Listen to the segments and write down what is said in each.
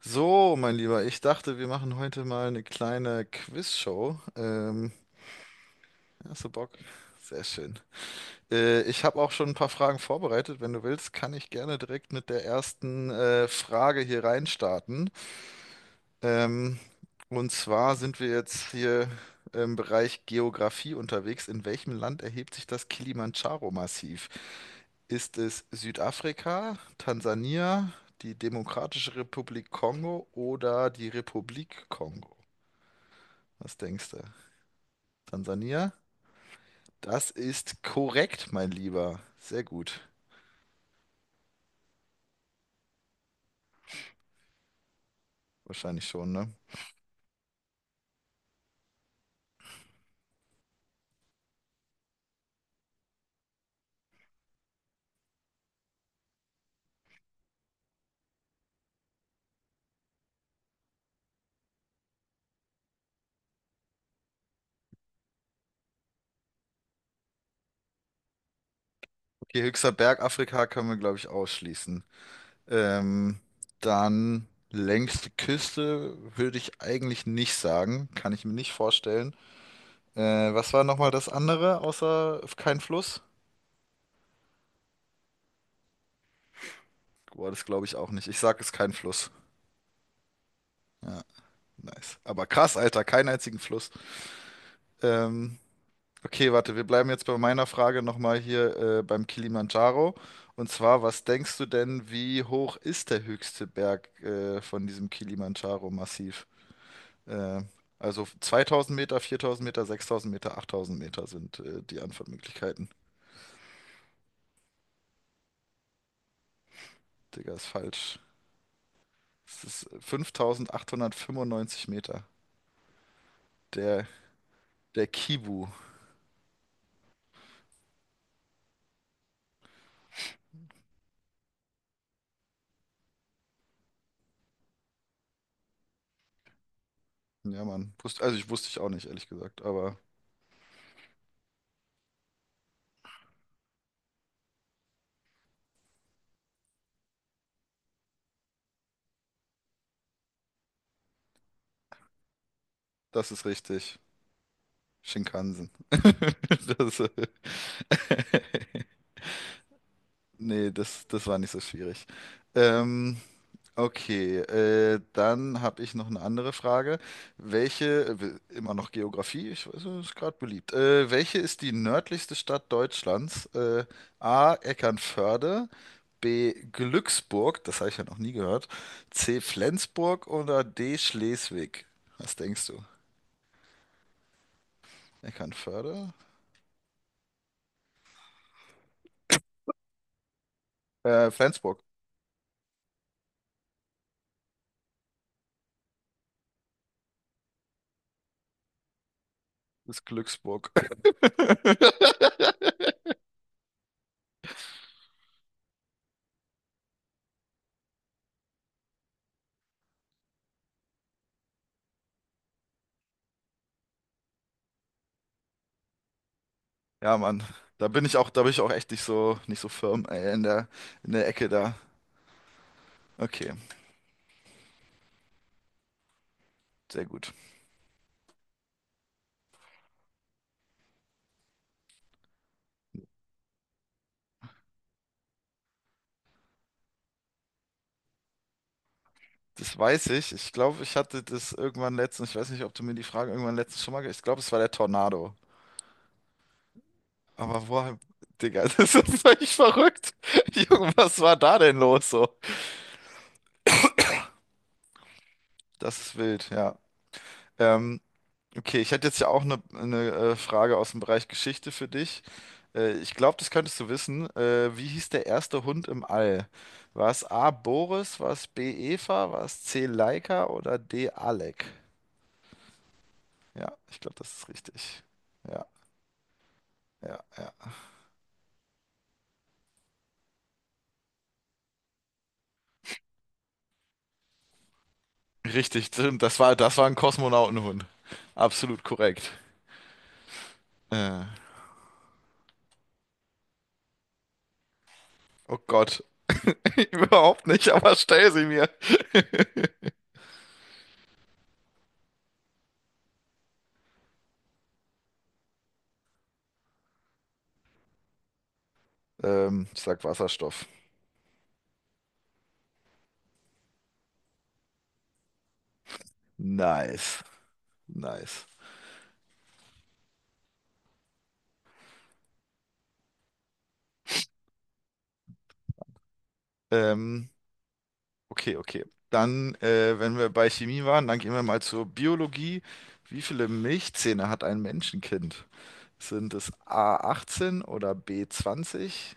So, mein Lieber, ich dachte, wir machen heute mal eine kleine Quizshow. Hast du Bock? Sehr schön. Ich habe auch schon ein paar Fragen vorbereitet. Wenn du willst, kann ich gerne direkt mit der ersten Frage hier reinstarten. Ähm, und zwar sind wir jetzt hier im Bereich Geografie unterwegs. In welchem Land erhebt sich das Kilimandscharo-Massiv? Ist es Südafrika, Tansania, die Demokratische Republik Kongo oder die Republik Kongo? Was denkst du? Tansania? Das ist korrekt, mein Lieber. Sehr gut. Wahrscheinlich schon, ne? Okay, höchster Berg Afrika können wir, glaube ich, ausschließen. Ähm, dann längste Küste würde ich eigentlich nicht sagen. Kann ich mir nicht vorstellen. Was war nochmal das andere, außer kein Fluss? Boah, das glaube ich auch nicht. Ich sage es kein Fluss. Nice. Aber krass, Alter, keinen einzigen Fluss. Ähm, okay, warte, wir bleiben jetzt bei meiner Frage nochmal hier beim Kilimanjaro. Und zwar, was denkst du denn, wie hoch ist der höchste Berg von diesem Kilimanjaro-Massiv? Äh, also 2000 Meter, 4000 Meter, 6000 Meter, 8000 Meter sind die Antwortmöglichkeiten. Digga, ist falsch. Es ist 5895 Meter. Der, der Kibu. Ja, Mann. Also ich wusste ich auch nicht, ehrlich gesagt. Aber das ist richtig. Shinkansen. Das, nee, das war nicht so schwierig. Ähm, Okay, dann habe ich noch eine andere Frage. Immer noch Geografie, ich weiß, es ist gerade beliebt. Welche ist die nördlichste Stadt Deutschlands? A. Eckernförde, B. Glücksburg, das habe ich ja noch nie gehört, C. Flensburg oder D. Schleswig? Was denkst du? Eckernförde? Flensburg ist Glücksburg. Ja, Mann, da bin ich auch echt nicht so, nicht so firm, ey, in der Ecke da. Okay, sehr gut. Das weiß ich. Ich glaube, ich hatte das irgendwann letztens, ich weiß nicht, ob du mir die Frage irgendwann letztens schon mal, ich glaube, es war der Tornado. Aber woher, Digga, das ist völlig verrückt. Junge, was war da denn los so? Das ist wild, ja. Ähm, okay, ich hätte jetzt ja auch eine Frage aus dem Bereich Geschichte für dich. Ich glaube, das könntest du wissen. Wie hieß der erste Hund im All? War es A. Boris, war es B. Eva, war es C. Laika oder D. Alec? Ja, ich glaube, das ist richtig. Ja, ja, ja. Richtig, das war ein Kosmonautenhund. Absolut korrekt. Äh, oh Gott, überhaupt nicht, aber stell sie mir. Ich sag Wasserstoff. Nice, nice. Ähm, okay, okay. Dann, wenn wir bei Chemie waren, dann gehen wir mal zur Biologie. Wie viele Milchzähne hat ein Menschenkind? Sind es A18 oder B20,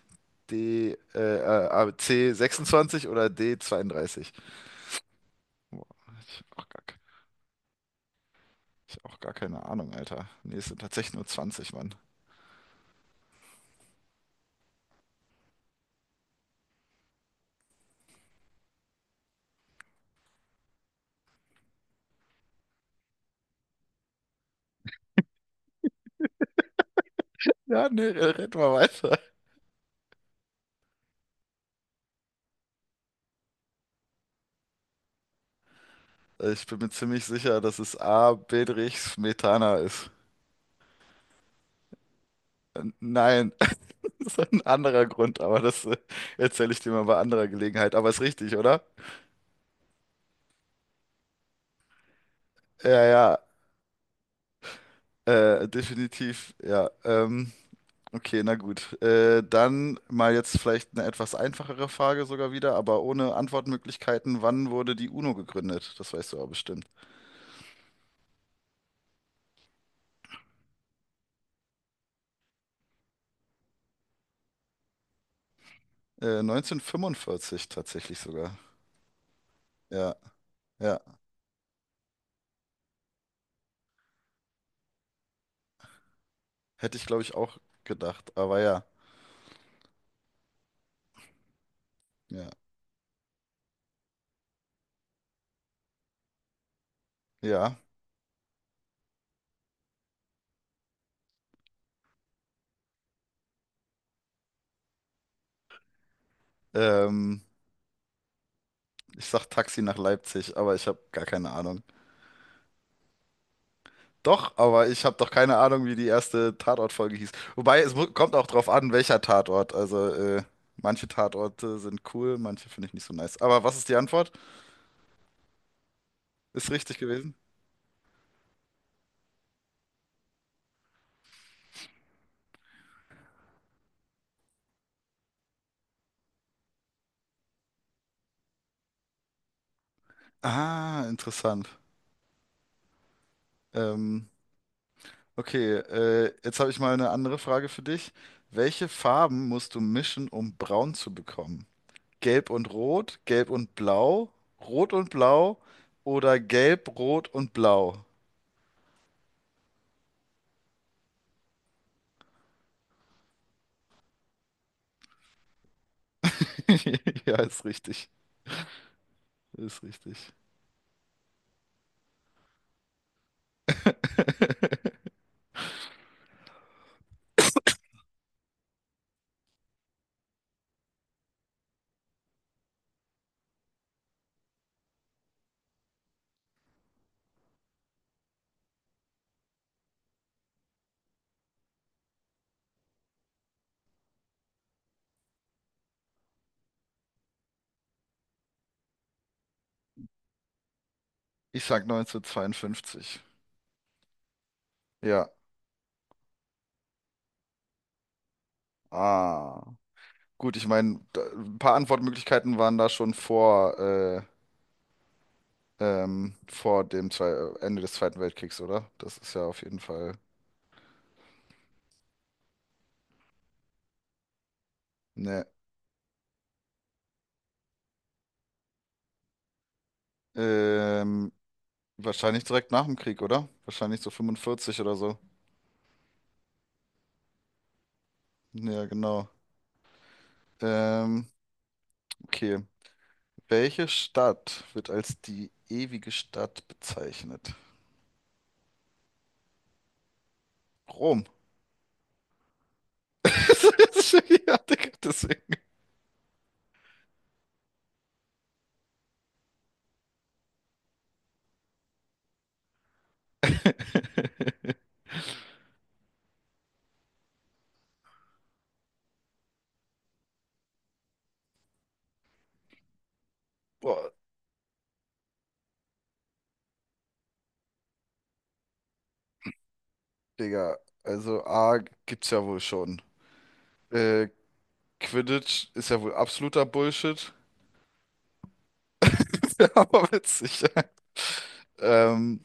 C26 oder D32? Boah, ich hab auch gar Ich hab auch gar keine Ahnung, Alter. Nee, es sind tatsächlich nur 20, Mann. Ja, nee, red mal weiter. Ich bin mir ziemlich sicher, dass es A. Bedrich Smetana ist. Nein, das ist ein anderer Grund, aber das erzähle ich dir mal bei anderer Gelegenheit. Aber ist richtig, oder? Ja, ja, definitiv, ja. Okay, na gut. Dann mal jetzt vielleicht eine etwas einfachere Frage sogar wieder, aber ohne Antwortmöglichkeiten. Wann wurde die UNO gegründet? Das weißt du aber bestimmt. 1945 tatsächlich sogar. Ja, ja. Hätte ich, glaube ich, auch gedacht. Aber ja, ja, ja. Ähm, ich sag Taxi nach Leipzig, aber ich habe gar keine Ahnung. Doch, aber ich habe doch keine Ahnung, wie die erste Tatort-Folge hieß. Wobei, kommt auch drauf an, welcher Tatort. Also, manche Tatorte sind cool, manche finde ich nicht so nice. Aber was ist die Antwort? Ist richtig gewesen? Ah, interessant. Ähm, okay, jetzt habe ich mal eine andere Frage für dich. Welche Farben musst du mischen, um braun zu bekommen? Gelb und Rot, Gelb und Blau, Rot und Blau oder Gelb, Rot und Blau. Ja, ist richtig. Ist richtig. Ich sag 1952. Ja. Ah. Gut, ich meine, ein paar Antwortmöglichkeiten waren da schon vor, vor dem Zwe Ende des Zweiten Weltkriegs, oder? Das ist ja auf jeden Fall. Ne. Ähm, wahrscheinlich direkt nach dem Krieg, oder? Wahrscheinlich so 45 oder so. Ja, genau. Ähm, okay. Welche Stadt wird als die ewige Stadt bezeichnet? Rom. Ja, Digga, deswegen. Boah, Digga, also A gibt's ja wohl schon. Äh, Quidditch ist ja wohl absoluter Bullshit, aber witzig. Ähm,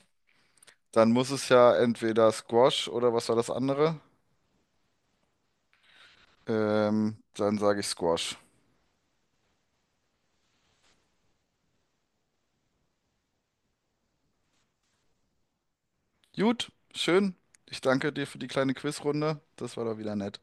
dann muss es ja entweder Squash oder was war das andere? Dann sage ich Squash. Gut, schön. Ich danke dir für die kleine Quizrunde. Das war doch wieder nett.